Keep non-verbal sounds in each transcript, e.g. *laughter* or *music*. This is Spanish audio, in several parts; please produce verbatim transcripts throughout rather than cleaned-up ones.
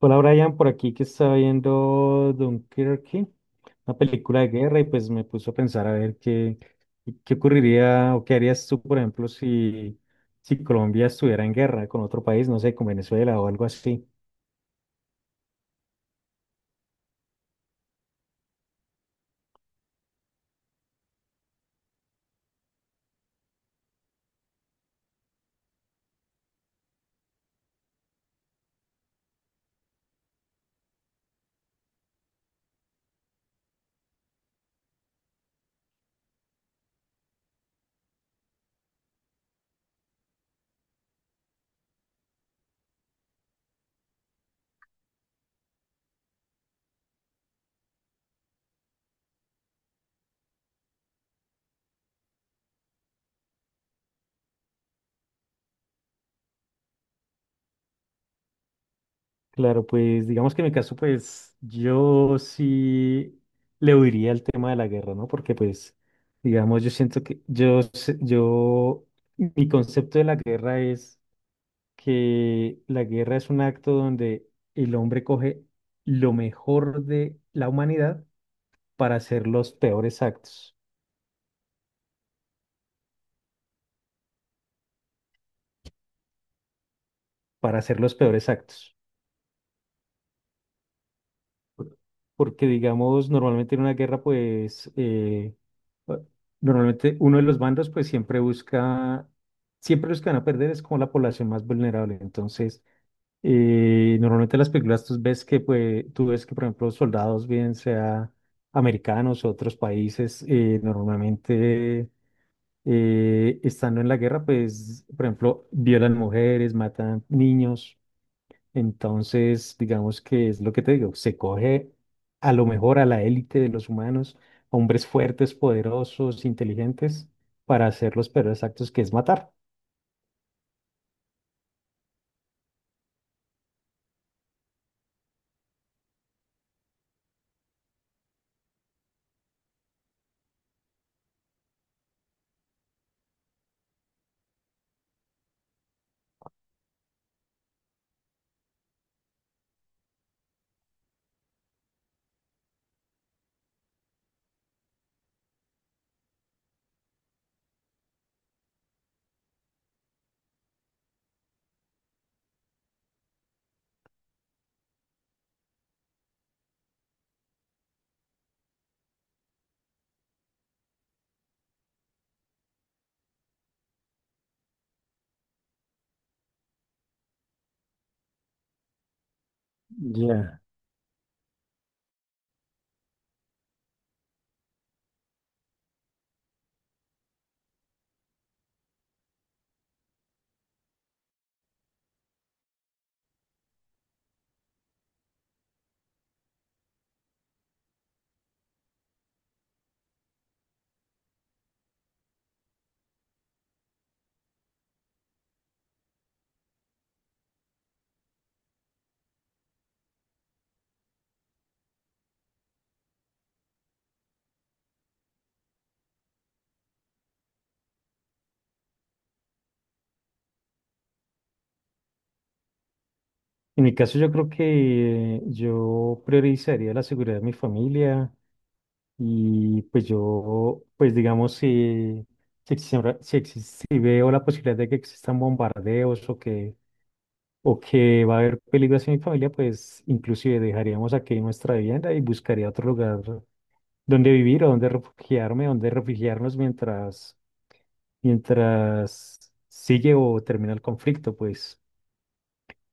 Hola Brian, por aquí que estaba viendo Dunkerque, una película de guerra, y pues me puso a pensar a ver qué, qué ocurriría o qué harías tú, por ejemplo, si, si Colombia estuviera en guerra con otro país, no sé, con Venezuela o algo así. Claro, pues digamos que en mi caso, pues yo sí le huiría al tema de la guerra, ¿no? Porque pues, digamos, yo siento que yo, se- yo, mi concepto de la guerra es que la guerra es un acto donde el hombre coge lo mejor de la humanidad para hacer los peores actos, para hacer los peores actos. Por- Porque, digamos, normalmente en una guerra, pues, eh, eh, normalmente uno de los bandos, pues, siempre busca, siempre los que van a perder es como la población más vulnerable. Entonces, y normalmente en las películas tú ves que, pues, tú ves que, por ejemplo, soldados, bien sea americanos o otros países, eh, normalmente eh, estando en la guerra, pues, por ejemplo, violan mujeres, matan niños. Entonces, digamos que es lo que te digo, se coge a lo mejor a la élite de los humanos, hombres fuertes, poderosos, inteligentes, para hacer los peores actos que es matar. Ya. En mi caso, yo creo que yo priorizaría la seguridad de mi familia y pues yo, pues digamos, si, si, existe- si, existe- si veo la posibilidad de que existan bombardeos o que, o que va a haber peligros en mi familia, pues inclusive dejaríamos aquí nuestra vivienda y buscaría otro lugar donde vivir o donde refugiarme, donde refugiarnos mientras, mientras sigue o termina el conflicto, pues.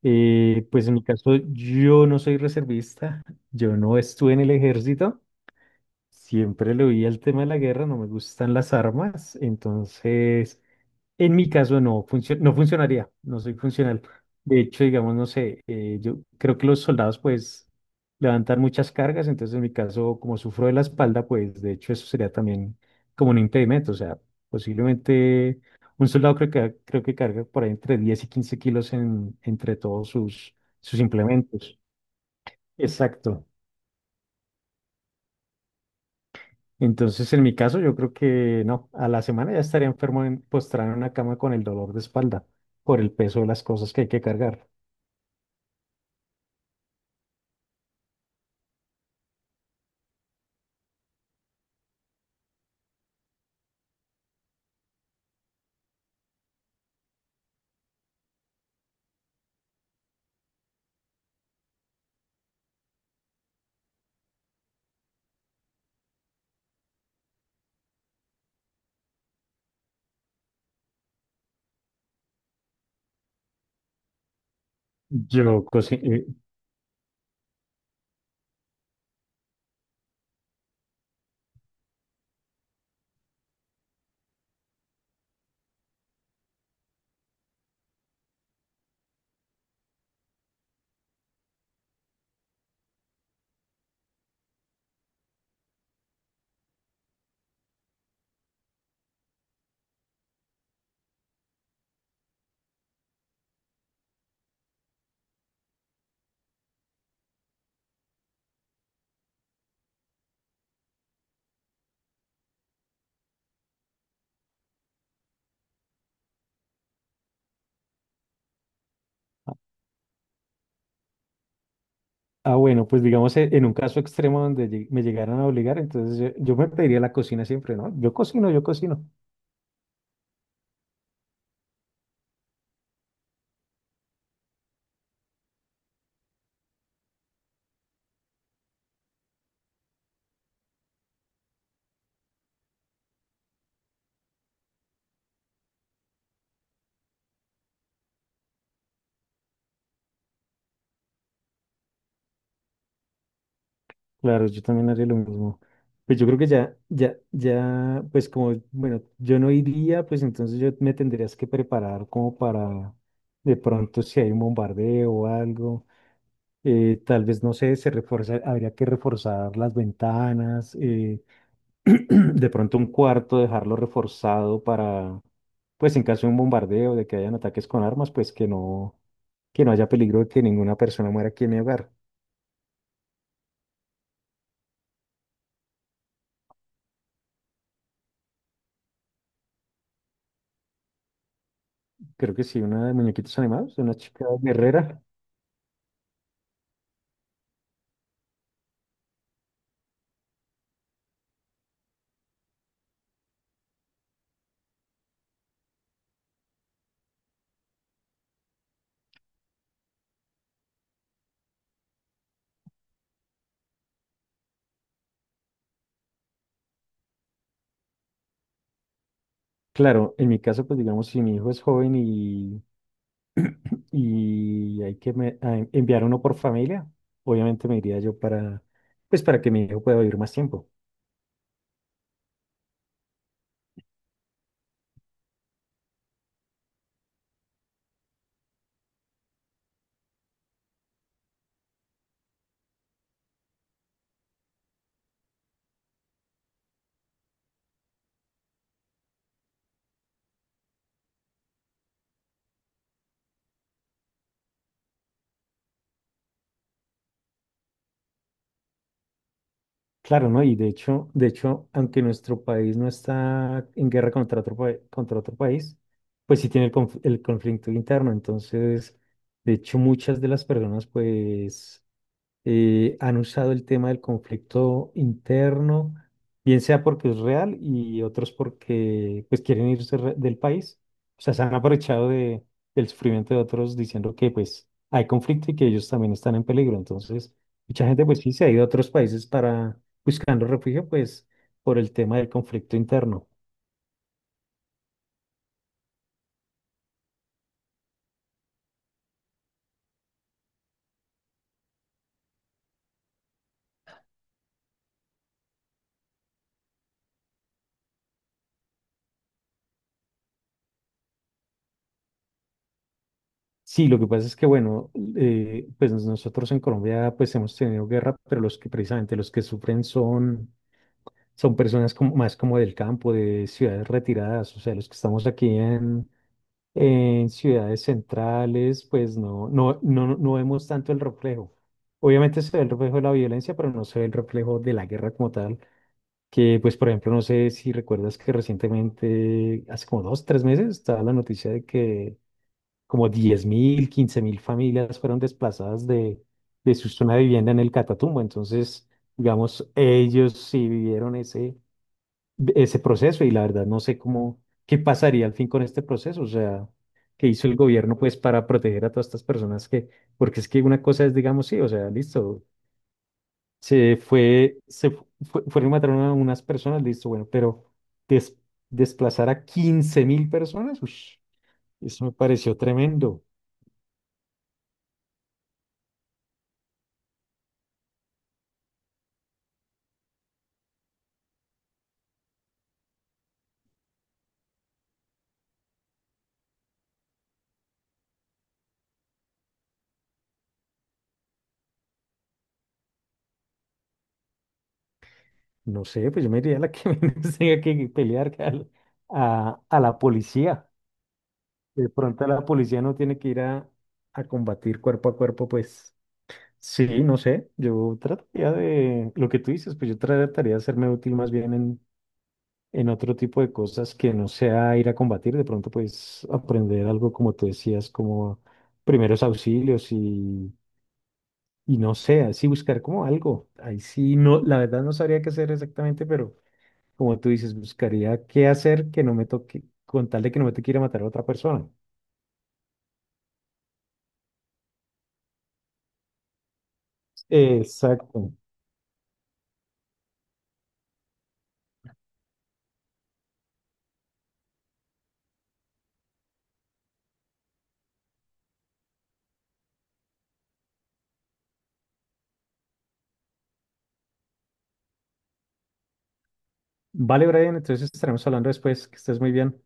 Eh, pues en mi caso, yo no soy reservista, yo no estuve en el ejército, siempre le oí el tema de la guerra, no me gustan las armas, entonces en mi caso no, funcio- no funcionaría, no soy funcional. De hecho, digamos, no sé, eh, yo creo que los soldados pues levantan muchas cargas, entonces en mi caso, como sufro de la espalda, pues de hecho eso sería también como un impedimento, o sea, posiblemente un soldado creo que, creo que carga por ahí entre diez y quince kilos en, entre todos sus, sus implementos. Exacto. Entonces, en mi caso, yo creo que no, a la semana ya estaría enfermo en, postrado en una cama con el dolor de espalda por el peso de las cosas que hay que cargar. Yo, cocino. Ah, bueno, pues digamos eh, en un caso extremo donde lleg- me llegaran a obligar, entonces yo, yo me pediría la cocina siempre, ¿no? Yo cocino, yo cocino. Claro, yo también haría lo mismo. Pues yo creo que ya, ya, ya, pues como, bueno, yo no iría, pues entonces yo me tendrías que preparar como para, de pronto si hay un bombardeo o algo, eh, tal vez, no sé, se refuerza, habría que reforzar las ventanas, eh, *clears throat* de pronto un cuarto, dejarlo reforzado para, pues en caso de un bombardeo, de que hayan ataques con armas, pues que no, que no haya peligro de que ninguna persona muera aquí en mi hogar. Creo que sí, una de muñequitos animados, de una chica guerrera. Claro, en mi caso, pues digamos, si mi hijo es joven y, *clears throat* y hay que me- a- en- enviar uno por familia, obviamente me iría yo para, pues para que mi hijo pueda vivir más tiempo. Claro, ¿no? Y de hecho, de hecho, aunque nuestro país no está en guerra contra otro, pa- contra otro país, pues sí tiene el, conf- el conflicto interno. Entonces, de hecho, muchas de las personas, pues eh, han usado el tema del conflicto interno, bien sea porque es real y otros porque pues quieren irse re- del país. O sea, se han aprovechado de, del sufrimiento de otros diciendo que pues hay conflicto y que ellos también están en peligro. Entonces, mucha gente pues sí se ha ido a otros países para buscando refugio pues por el tema del conflicto interno. Sí, lo que pasa es que, bueno, eh, pues nosotros en Colombia pues hemos tenido guerra, pero los que precisamente los que sufren son son personas como, más como del campo, de ciudades retiradas, o sea, los que estamos aquí en, en ciudades centrales, pues no, no, no, no vemos tanto el reflejo. Obviamente se ve el reflejo de la violencia, pero no se ve el reflejo de la guerra como tal, que pues por ejemplo, no sé si recuerdas que recientemente, hace como dos, tres meses, estaba la noticia de que como diez mil quince mil familias fueron desplazadas de, de su zona de vivienda en el Catatumbo, entonces, digamos, ellos sí vivieron ese ese proceso y la verdad no sé cómo, qué pasaría al fin con este proceso, o sea, qué hizo el gobierno pues para proteger a todas estas personas que, porque es que una cosa es, digamos, sí, o sea, listo, se fue, se fu- fue- fueron y mataron a unas personas, listo, bueno, pero des- desplazar a quince mil personas, ush, eso me pareció tremendo. No sé, pues yo me iría a la que *laughs* menos tenga que pelear que al- a, a la policía. De pronto la policía no tiene que ir a, a combatir cuerpo a cuerpo, pues. Sí, no sé, yo trataría de, lo que tú dices, pues yo trataría de hacerme útil más bien en, en otro tipo de cosas que no sea ir a combatir, de pronto pues aprender algo como tú decías, como primeros auxilios y, y no sé, así buscar como algo. Ahí sí, no, la verdad no sabría qué hacer exactamente, pero como tú dices, buscaría qué hacer que no me toque, con tal de que no me toque ir a matar a otra persona. Exacto. Vale, Brian, entonces estaremos hablando después, que estés muy bien.